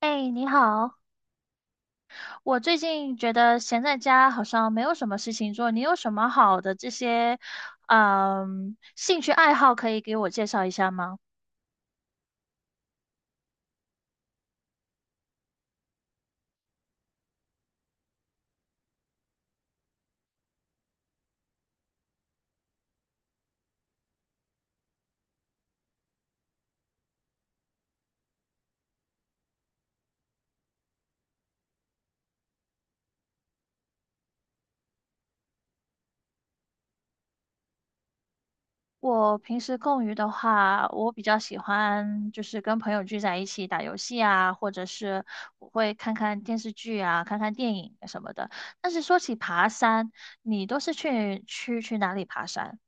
哎，你好，我最近觉得闲在家好像没有什么事情做，你有什么好的这些，兴趣爱好可以给我介绍一下吗？我平时空余的话，我比较喜欢就是跟朋友聚在一起打游戏啊，或者是我会看看电视剧啊，看看电影什么的。但是说起爬山，你都是去哪里爬山？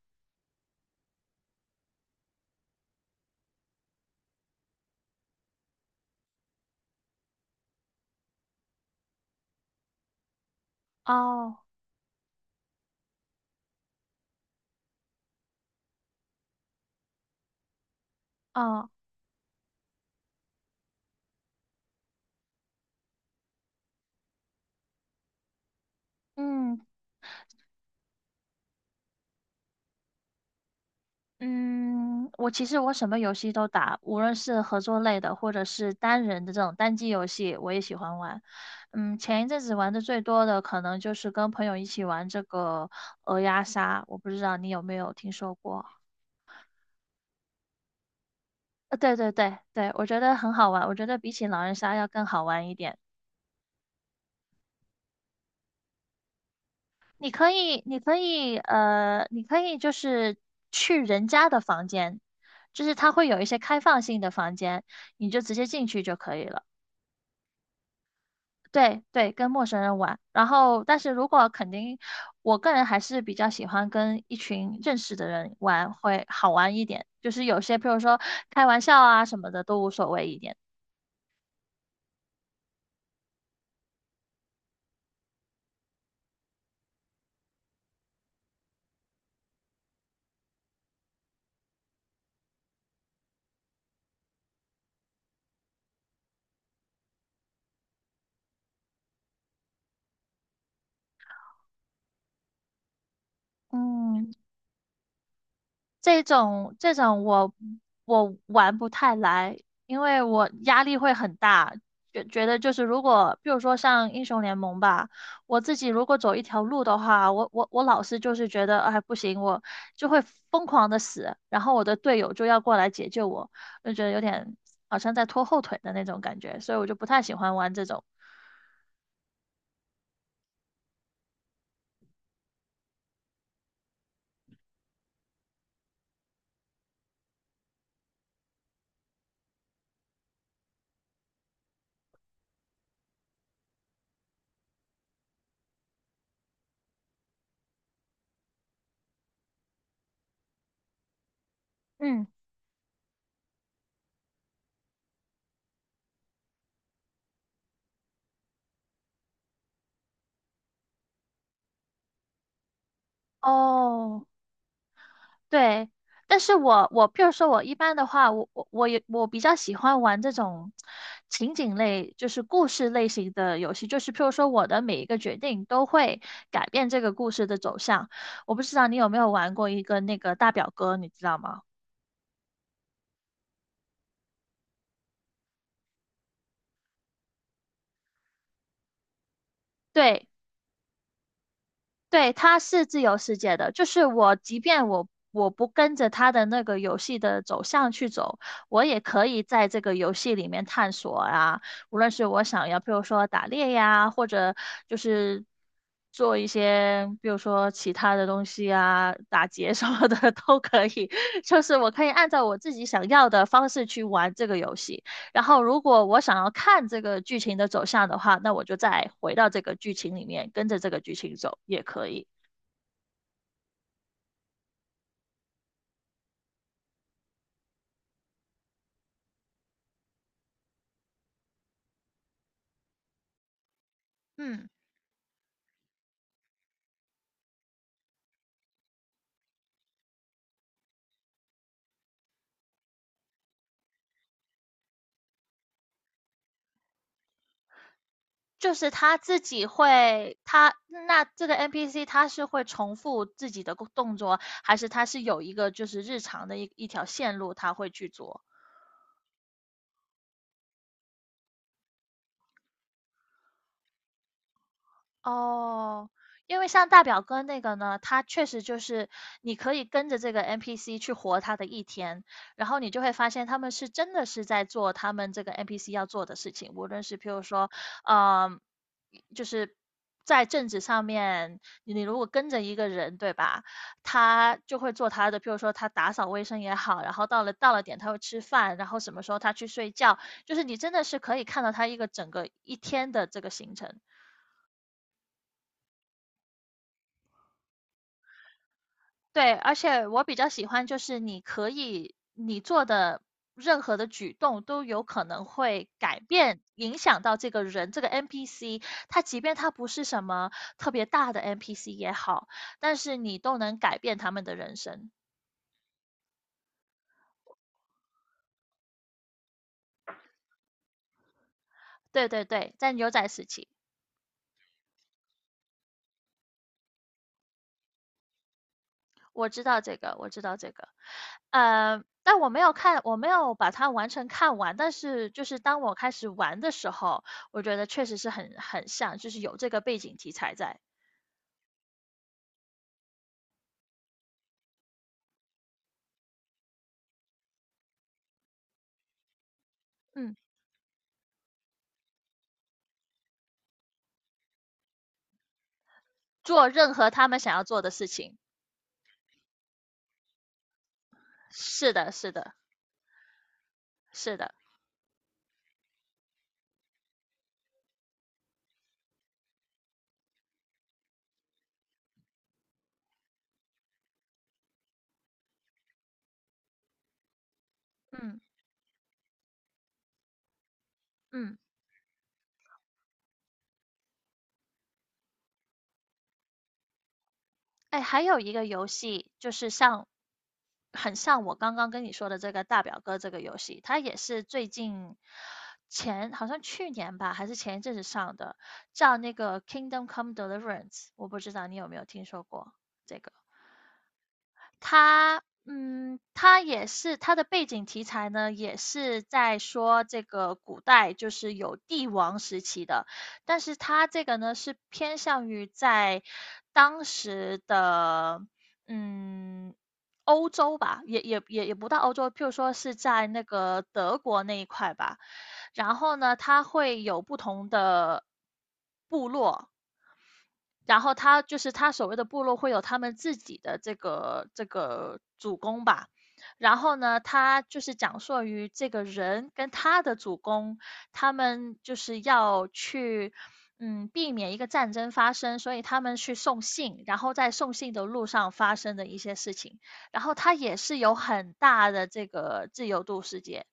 哦哦，嗯，嗯，我其实什么游戏都打，无论是合作类的，或者是单人的这种单机游戏，我也喜欢玩。前一阵子玩的最多的可能就是跟朋友一起玩这个鹅鸭杀，我不知道你有没有听说过？对对对对，我觉得很好玩，我觉得比起狼人杀要更好玩一点。你可以就是去人家的房间，就是它会有一些开放性的房间，你就直接进去就可以了。对对，跟陌生人玩。然后，但是如果肯定，我个人还是比较喜欢跟一群认识的人玩，会好玩一点。就是有些，譬如说开玩笑啊什么的，都无所谓一点。嗯，这种我玩不太来，因为我压力会很大，觉得就是如果比如说像英雄联盟吧，我自己如果走一条路的话，我老是就是觉得哎不行，我就会疯狂的死，然后我的队友就要过来解救我，就觉得有点好像在拖后腿的那种感觉，所以我就不太喜欢玩这种。嗯，哦，对，但是我譬如说，我一般的话，我比较喜欢玩这种情景类，就是故事类型的游戏。就是譬如说，我的每一个决定都会改变这个故事的走向。我不知道你有没有玩过一个那个大表哥，你知道吗？对，对，它是自由世界的，就是我，即便我不跟着它的那个游戏的走向去走，我也可以在这个游戏里面探索啊。无论是我想要，比如说打猎呀，或者就是做一些，比如说其他的东西啊，打劫 什么的 都可以。就是我可以按照我自己想要的方式去玩这个游戏。然后，如果我想要看这个剧情的走向的话，那我就再回到这个剧情里面，跟着这个剧情走也可以。嗯，就是他自己会，他那这个 NPC 他是会重复自己的动作，还是他是有一个就是日常的一条线路他会去做？哦，因为像大表哥那个呢，他确实就是你可以跟着这个 NPC 去活他的一天，然后你就会发现他们是真的是在做他们这个 NPC 要做的事情，无论是譬如说，嗯、就是在政治上面，你如果跟着一个人，对吧？他就会做他的，譬如说他打扫卫生也好，然后到了点他会吃饭，然后什么时候他去睡觉，就是你真的是可以看到他一个整个一天的这个行程。对，而且我比较喜欢就是你可以你做的任何的举动都有可能会改变影响到这个人这个 NPC，他即便他不是什么特别大的 NPC 也好，但是你都能改变他们的人生。对对对，在牛仔时期，我知道这个，我知道这个，但我没有看，我没有把它完全看完，但是就是当我开始玩的时候，我觉得确实是很像，就是有这个背景题材在，嗯。做任何他们想要做的事情。是的，是的，是的，嗯嗯，哎，还有一个游戏就是像，很像我刚刚跟你说的这个大表哥这个游戏，它也是最近前好像去年吧，还是前一阵子上的，叫那个《Kingdom Come Deliverance》，我不知道你有没有听说过这个。他也是他的背景题材呢，也是在说这个古代就是有帝王时期的，但是他这个呢是偏向于在当时的嗯欧洲吧，也不到欧洲，譬如说是在那个德国那一块吧。然后呢，它会有不同的部落，然后他就是他所谓的部落会有他们自己的这个主公吧，然后呢，他就是讲述于这个人跟他的主公，他们就是要去。避免一个战争发生，所以他们去送信，然后在送信的路上发生的一些事情，然后他也是有很大的这个自由度世界，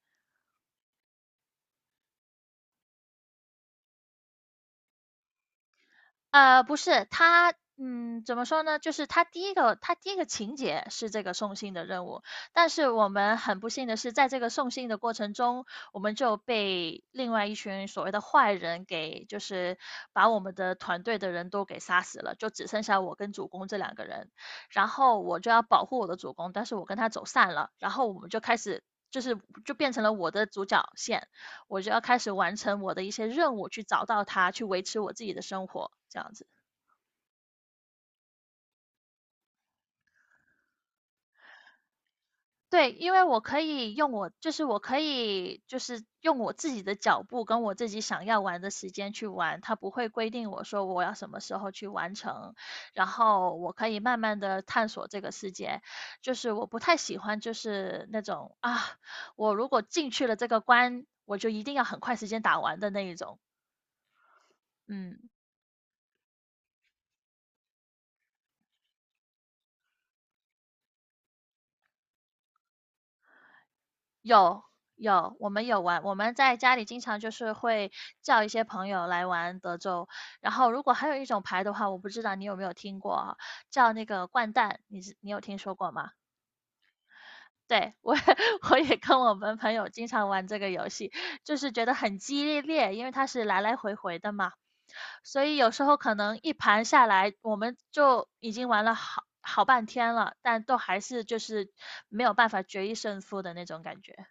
不是，怎么说呢？就是他第一个情节是这个送信的任务，但是我们很不幸的是，在这个送信的过程中，我们就被另外一群所谓的坏人给，就是把我们的团队的人都给杀死了，就只剩下我跟主公这两个人。然后我就要保护我的主公，但是我跟他走散了，然后我们就开始，就是就变成了我的主角线。我就要开始完成我的一些任务，去找到它，去维持我自己的生活，这样子。对，因为我可以用我，就是我可以，就是用我自己的脚步跟我自己想要玩的时间去玩，它不会规定我说我要什么时候去完成，然后我可以慢慢的探索这个世界。就是我不太喜欢，就是那种啊，我如果进去了这个关，我就一定要很快时间打完的那一种。嗯，有有，我们有玩，我们在家里经常就是会叫一些朋友来玩德州，然后如果还有一种牌的话，我不知道你有没有听过啊，叫那个掼蛋，你有听说过吗？对，我也 我也跟我们朋友经常玩这个游戏，就是觉得很激烈，因为它是来来回回的嘛，所以有时候可能一盘下来，我们就已经玩了好半天了，但都还是就是没有办法决一胜负的那种感觉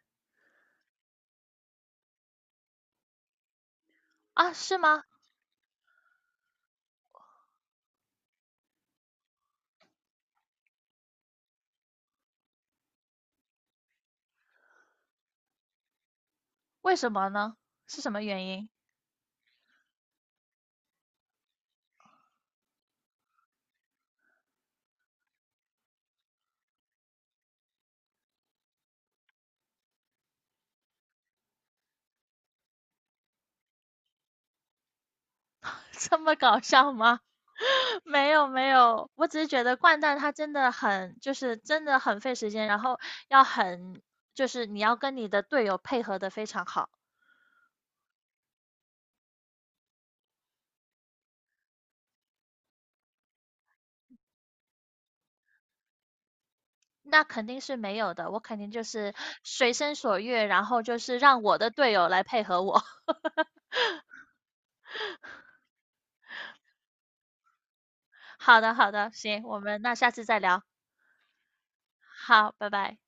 啊，是吗？为什么呢？是什么原因？这么搞笑吗？没有没有，我只是觉得掼蛋它真的很，就是真的很费时间，然后要很，就是你要跟你的队友配合的非常好。那肯定是没有的，我肯定就是随心所欲，然后就是让我的队友来配合我。好的好的，行，我们那下次再聊。好，拜拜。